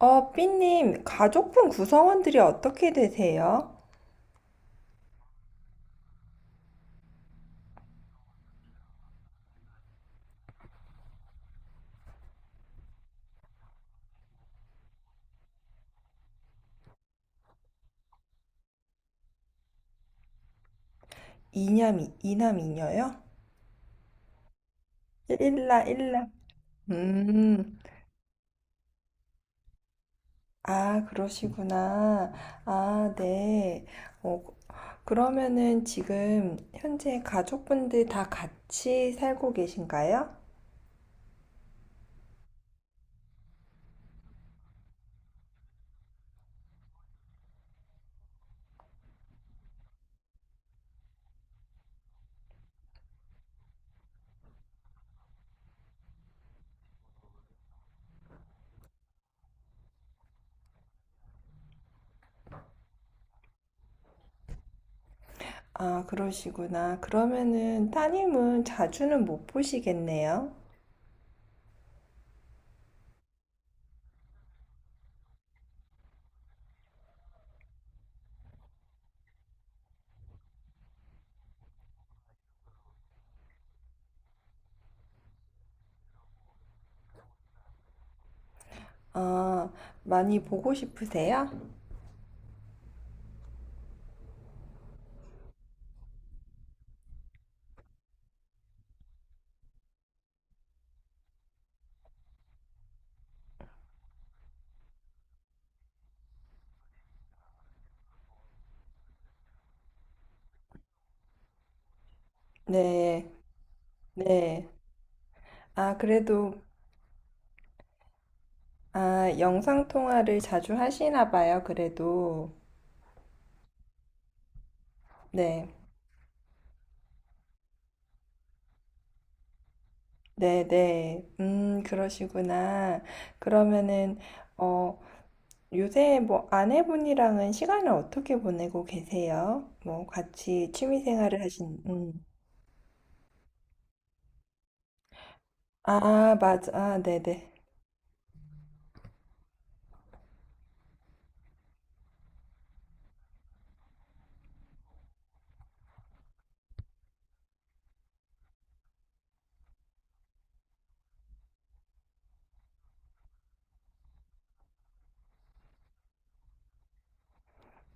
삐님, 가족분 구성원들이 어떻게 되세요? 이남 이남, 이녀요? 일라, 일라. 음, 아, 그러시구나. 아, 네. 어, 그러면은 지금 현재 가족분들 다 같이 살고 계신가요? 아, 그러시구나. 그러면은 따님은 자주는 못 보시겠네요. 아, 많이 보고 싶으세요? 네, 네. 아, 그래도 아, 영상 통화를 자주 하시나 봐요, 그래도. 네, 네, 네. 그러시구나. 그러면은, 어, 요새 뭐 아내분이랑은 시간을 어떻게 보내고 계세요? 뭐 같이 취미 생활을 하신, 아, 맞아. 아, 네네.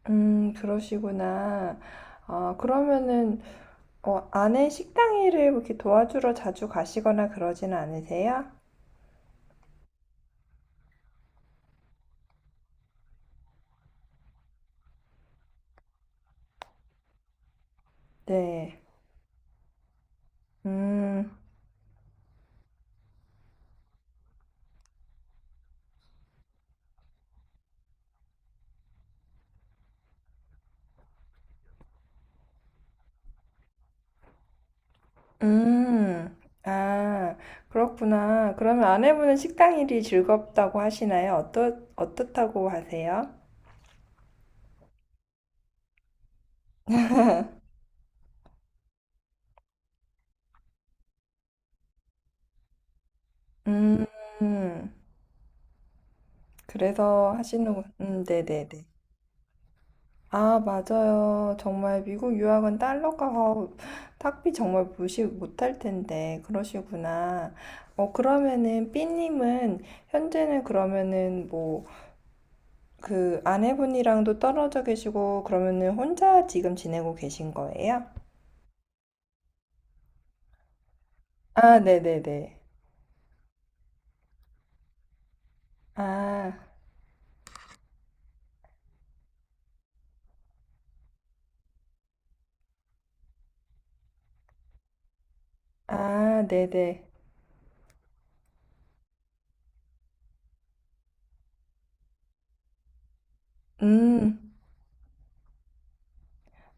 그러시구나. 아, 그러면은, 아내 식당 일을 이렇게 도와주러 자주 가시거나 그러진 않으세요? 네. 음. 음, 아, 그렇구나. 그러면 아내분은 식당 일이 즐겁다고 하시나요? 어떠, 어떻다고 하세요? 음, 그래서 하시는군. 네네네. 아, 맞아요. 정말 미국 유학은 달러 가서 학비 정말 무시 못할 텐데, 그러시구나. 그러면은, 삐님은, 현재는 그러면은, 뭐, 그, 아내분이랑도 떨어져 계시고, 그러면은 혼자 지금 지내고 계신 거예요? 아, 네네네. 아, 아, 네네. 음,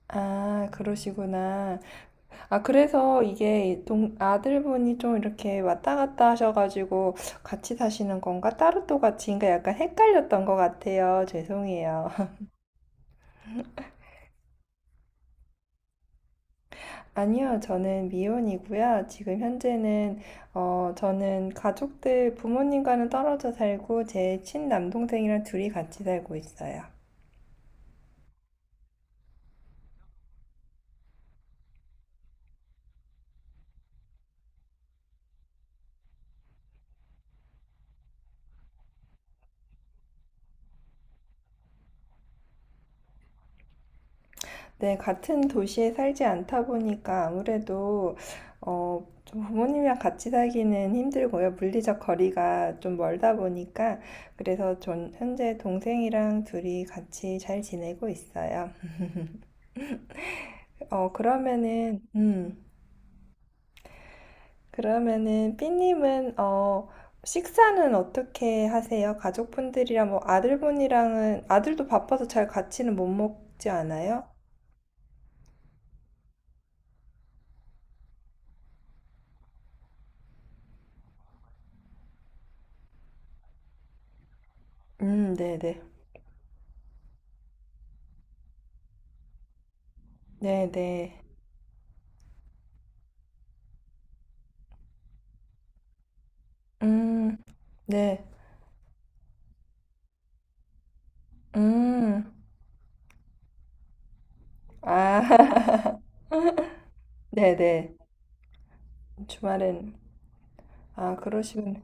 아, 그러시구나. 아, 그래서 이게 동, 아들분이 좀 이렇게 왔다 갔다 하셔가지고 같이 사시는 건가? 따로 또 같이인가? 약간 헷갈렸던 것 같아요. 죄송해요. 아니요, 저는 미혼이고요. 지금 현재는, 어, 저는 가족들, 부모님과는 떨어져 살고 제 친남동생이랑 둘이 같이 살고 있어요. 네, 같은 도시에 살지 않다 보니까 아무래도 좀 부모님이랑 같이 살기는 힘들고요. 물리적 거리가 좀 멀다 보니까 그래서 전 현재 동생이랑 둘이 같이 잘 지내고 있어요. 그러면은 그러면은 삐님은 식사는 어떻게 하세요? 가족분들이랑 뭐 아들분이랑은 아들도 바빠서 잘 같이는 못 먹지 않아요? 네, 네. 네, 네. 음, 네. 음, 아, 네네. 주말엔, 아, 그러시군.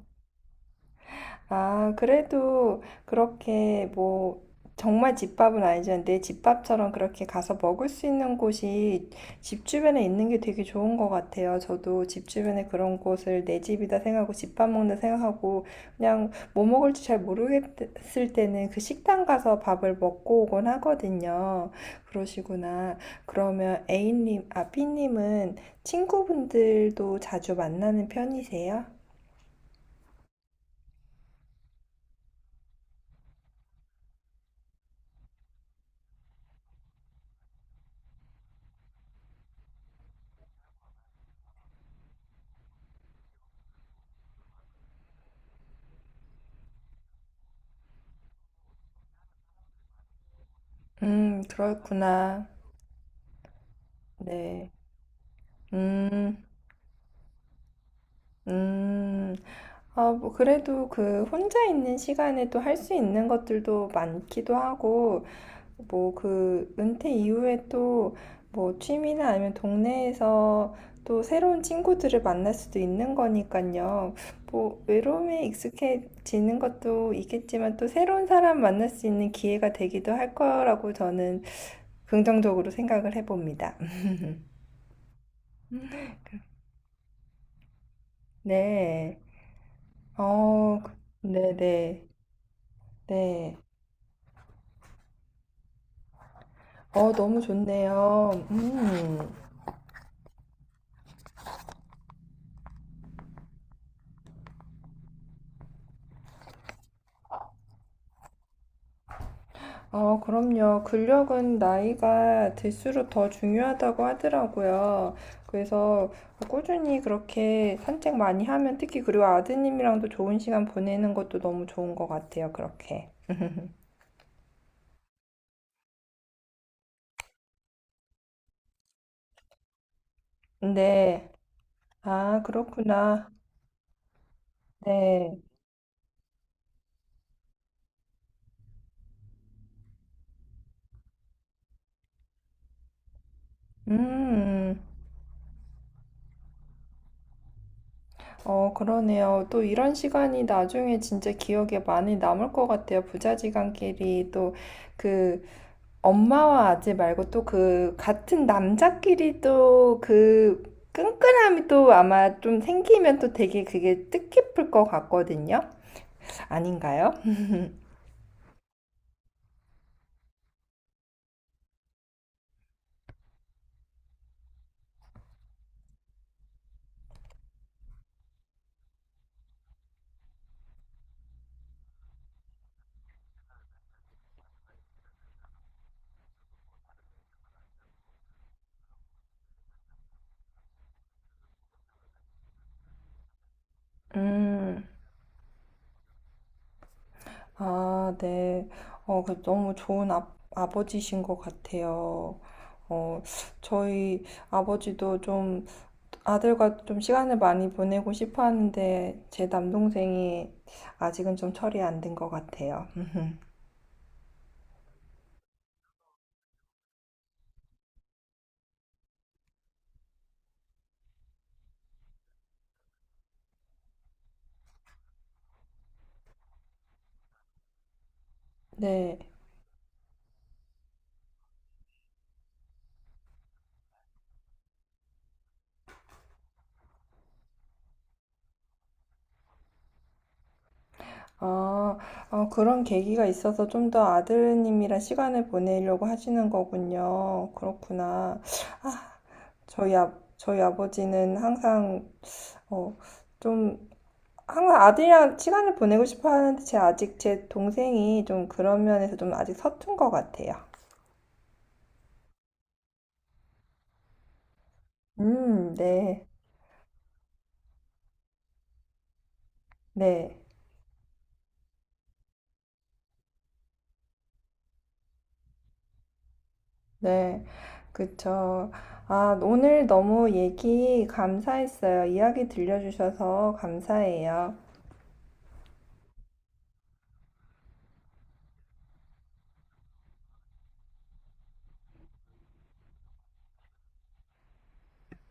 아, 그래도 그렇게 뭐 정말 집밥은 아니지만 내 집밥처럼 그렇게 가서 먹을 수 있는 곳이 집 주변에 있는 게 되게 좋은 것 같아요. 저도 집 주변에 그런 곳을 내 집이다 생각하고 집밥 먹는다 생각하고 그냥 뭐 먹을지 잘 모르겠을 때는 그 식당 가서 밥을 먹고 오곤 하거든요. 그러시구나. 그러면 A님, 아, B님은 친구분들도 자주 만나는 편이세요? 그렇구나. 네. 음, 음. 아, 뭐, 그래도 그 혼자 있는 시간에 또 할 수 있는 것들도 많기도 하고, 뭐, 그 은퇴 이후에 또 뭐, 취미나 아니면 동네에서 또 새로운 친구들을 만날 수도 있는 거니까요. 뭐, 외로움에 익숙해지는 것도 있겠지만 또 새로운 사람 만날 수 있는 기회가 되기도 할 거라고 저는 긍정적으로 생각을 해봅니다. 네. 어, 네네. 네. 어, 너무 좋네요. 음. 어, 그럼요. 근력은 나이가 들수록 더 중요하다고 하더라고요. 그래서 꾸준히 그렇게 산책 많이 하면 특히 그리고 아드님이랑도 좋은 시간 보내는 것도 너무 좋은 것 같아요. 그렇게. 네. 아, 그렇구나. 네. 음. 어, 그러네요. 또 이런 시간이 나중에 진짜 기억에 많이 남을 것 같아요. 부자지간끼리 또그 엄마와 아재 말고 또 그 같은 남자끼리 또 그 끈끈함이 또 아마 좀 생기면 또 되게 그게 뜻깊을 것 같거든요. 아닌가요? 음, 아, 네. 그 너무 좋은 아, 아버지신 것 같아요. 어, 저희 아버지도 좀 아들과 좀 시간을 많이 보내고 싶어 하는데 제 남동생이 아직은 좀 철이 안 든 것 같아요. 네. 아, 아, 그런 계기가 있어서 좀 더 아드님이랑 시간을 보내려고 하시는 거군요. 그렇구나. 저희 아, 저희 아버지는 항상 어, 좀 항상 아들이랑 시간을 보내고 싶어 하는데 제 아직 제 동생이 좀 그런 면에서 좀 아직 서툰 것 같아요. 네, 네, 네, 그쵸. 아, 오늘 너무 얘기 감사했어요. 이야기 들려주셔서 감사해요.